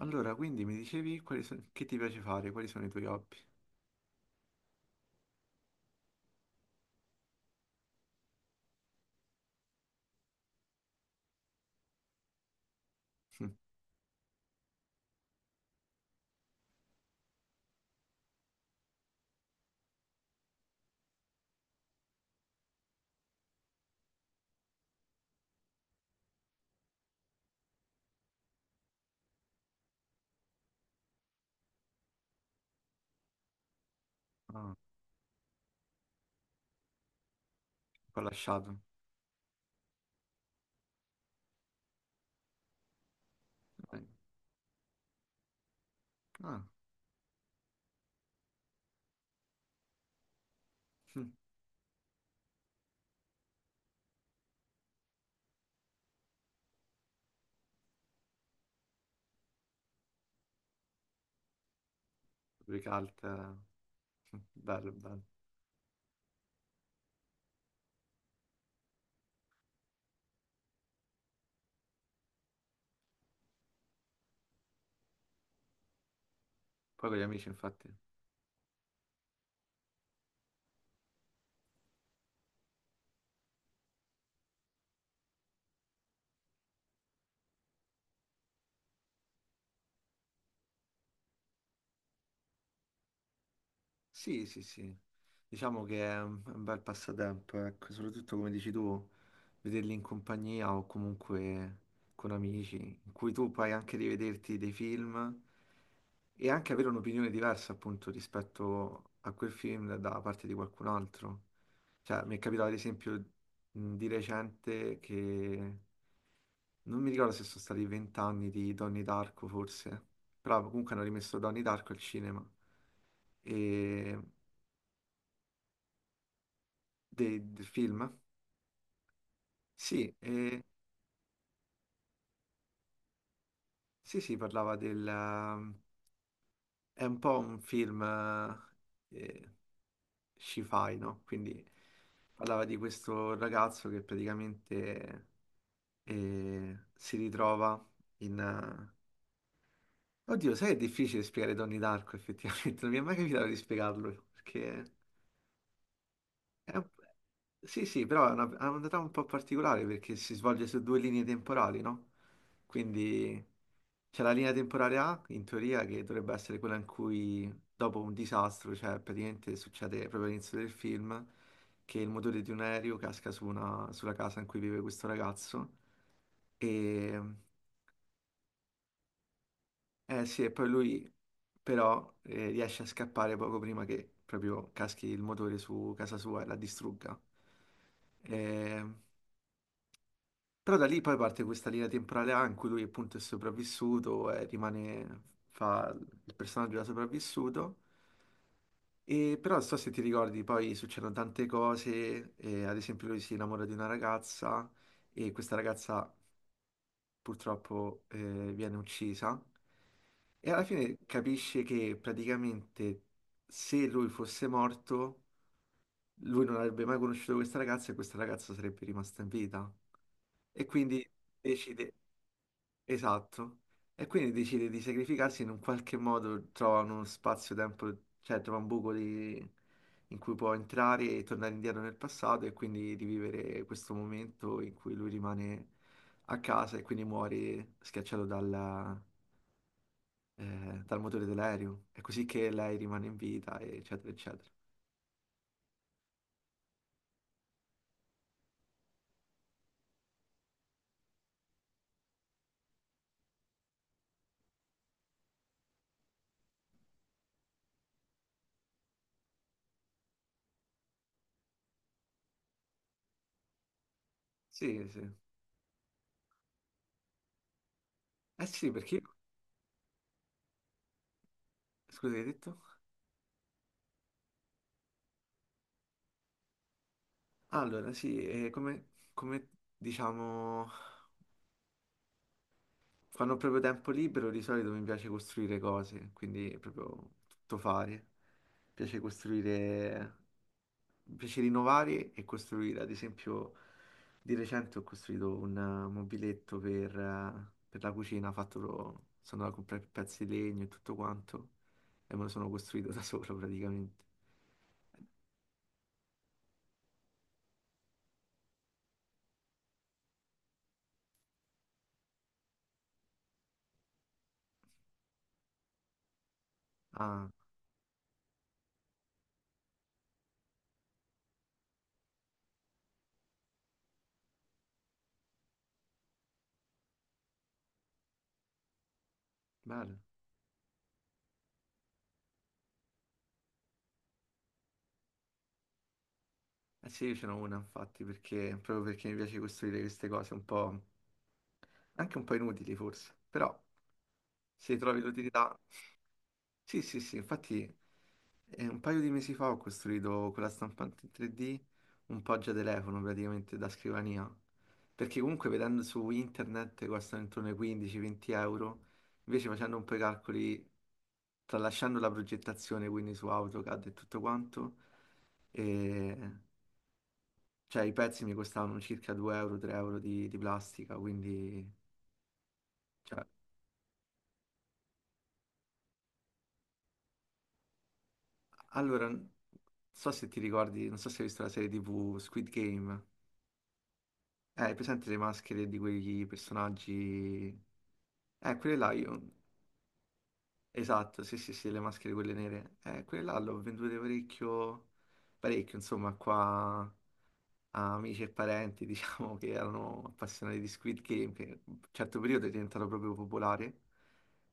Allora, quindi mi dicevi quali che ti piace fare, quali sono i tuoi hobby? Mm. Ah, poi ho lasciato. Eh. Ah. Mm, ricalca. Mm. Bello, bello. Poi con gli amici, infatti. Sì, sì, sì. Diciamo che è un bel passatempo, ecco, soprattutto come dici tu, vederli in compagnia o comunque con amici, in cui tu puoi anche rivederti dei film e anche avere un'opinione diversa appunto rispetto a quel film da parte di qualcun altro. Cioè, mi è capitato ad esempio, di recente, che non mi ricordo se sono stati 20 anni di Donnie Darko, forse, però comunque hanno rimesso Donnie Darko al cinema e del film. Sì, sì, sì, parlava del... È un po' un film eh, sci-fi, no? Quindi parlava di questo ragazzo che praticamente si ritrova in... Oddio, sai, che è difficile spiegare Donnie Darko, effettivamente. Non mi è mai capitato di spiegarlo, perché... è un- Sì, sì, però ha una trama un po' particolare, perché si svolge su due linee temporali, no? Quindi c'è la linea temporale A, in teoria, che dovrebbe essere quella in cui, dopo un disastro, cioè praticamente succede proprio all'inizio del film, che il motore di un aereo casca su sulla casa in cui vive questo ragazzo. Eh sì, e poi lui però riesce a scappare poco prima che proprio caschi il motore su casa sua e la distrugga. Eh, però da lì poi parte questa linea temporale A in cui lui appunto è sopravvissuto e rimane, fa il personaggio da sopravvissuto. E però non so se ti ricordi, poi succedono tante cose, ad esempio lui si innamora di una ragazza e questa ragazza purtroppo viene uccisa e alla fine capisce che praticamente, se lui fosse morto, lui non avrebbe mai conosciuto questa ragazza e questa ragazza sarebbe rimasta in vita. E quindi decide... Esatto. E quindi decide di sacrificarsi in un qualche modo, trova uno spazio-tempo, cioè trova un buco... di- in cui può entrare e tornare indietro nel passato e quindi rivivere questo momento in cui lui rimane a casa e quindi muore schiacciato dal motore dell'aereo. È così che lei rimane in vita, eccetera, eccetera. Sì, sì. Eh sì, perché... Scusa, hai detto? Allora, sì, come, come diciamo... Quando ho proprio tempo libero, di solito mi piace costruire cose, quindi è proprio tutto fare. Mi piace costruire, mi piace rinnovare e costruire. Ad esempio, di recente ho costruito un mobiletto per la cucina, fatto, sono andato a comprare pezzi di legno e tutto quanto, e me lo sono costruito da solo praticamente. Ah, bello. Eh sì, io ce n'ho una infatti, perché, proprio perché mi piace costruire queste cose un po', anche un po' inutili forse, però Sì, trovi l'utilità. Sì, sì, sì, infatti un paio di mesi fa ho costruito quella stampante in 3D un poggia telefono praticamente da scrivania, perché comunque vedendo su internet costano intorno ai 15-20 euro, invece facendo un po' i calcoli, tralasciando la progettazione quindi su AutoCAD e tutto quanto, e, cioè i pezzi mi costavano circa 2 euro, 3 euro di plastica, quindi... cioè, allora, non so se ti ricordi, non so se hai visto la serie TV Squid Game. Hai presente le maschere di quei personaggi? Quelle là io. Esatto, sì, sì, sì, le maschere quelle nere. Quelle là le ho vendute parecchio, parecchio, insomma, qua a amici e parenti, diciamo, che erano appassionati di Squid Game, che in un certo periodo è diventato proprio popolare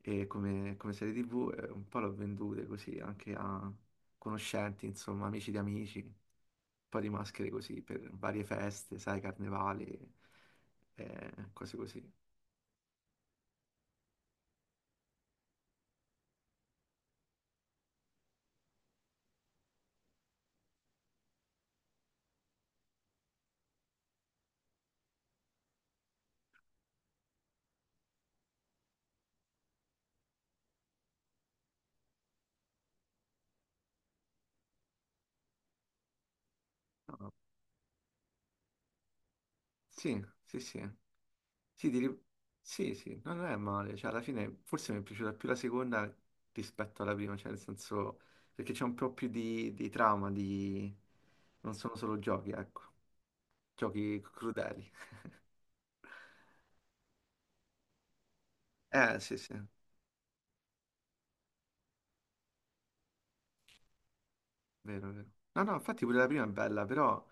e come, come serie TV, un po' l'ho vendute così anche a conoscenti, insomma, amici di amici po' di maschere così per varie feste, sai, carnevali, cose così. No, no. Sì, sì, sì. Sì, sì, sì, no, non è male. Cioè, alla fine forse mi è piaciuta più la seconda rispetto alla prima, cioè nel senso perché c'è un po' più di trama, di... non sono solo giochi, ecco, giochi crudeli. Sì, sì. Vero, vero. No, no, infatti pure la prima è bella, però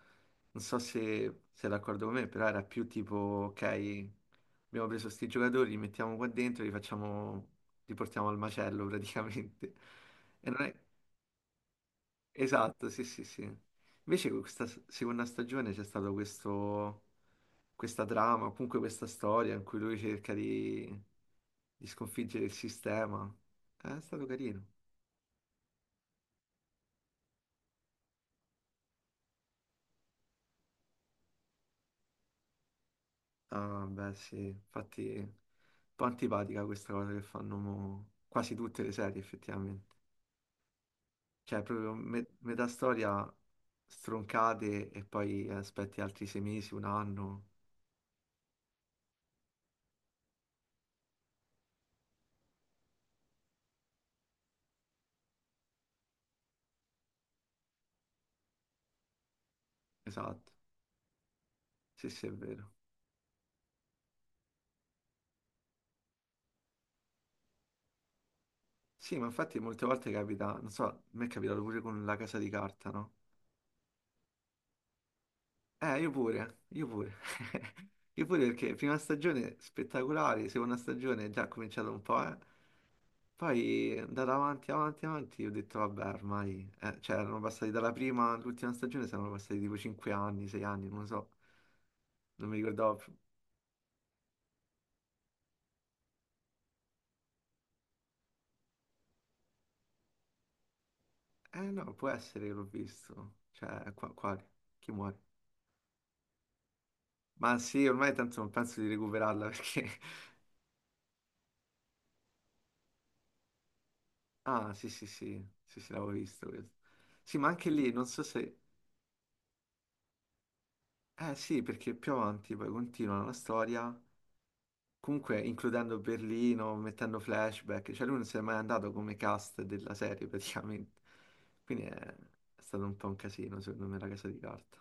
non so se sei d'accordo con me, però era più tipo, ok, abbiamo preso sti giocatori, li mettiamo qua dentro, li facciamo, li portiamo al macello praticamente. E non è... Esatto, sì, sì, sì. Invece con questa seconda stagione c'è stato questo, questa trama, o comunque questa storia in cui lui cerca di sconfiggere il sistema. È stato carino. Ah, beh, sì, infatti è un po' antipatica questa cosa che fanno mo quasi tutte le serie, effettivamente. Cioè, proprio metà storia stroncate e poi aspetti altri 6 mesi, un anno. Esatto, sì, sì, è vero. Sì, ma infatti molte volte capita, non so, a me è capitato pure con La Casa di Carta, no? Io pure, io pure. Io pure perché prima stagione spettacolare, seconda stagione è già cominciato un po', eh. Poi è andata avanti, avanti, avanti, ho detto vabbè, ormai, cioè erano passati dalla prima all'ultima stagione, saranno passati tipo 5 anni, 6 anni, non lo so, non mi ricordavo più. Eh no, può essere che l'ho visto, cioè qua, quale? Chi muore? Ma sì, ormai tanto non penso di recuperarla perché... Ah, sì, sì, sì, sì, sì, l'avevo visto questo. Sì, ma anche lì, non so se... Eh sì, perché più avanti poi continua la storia. Comunque, includendo Berlino, mettendo flashback, cioè lui non si è mai andato come cast della serie praticamente. Quindi è stato un po' un casino, secondo me, la casa di carta.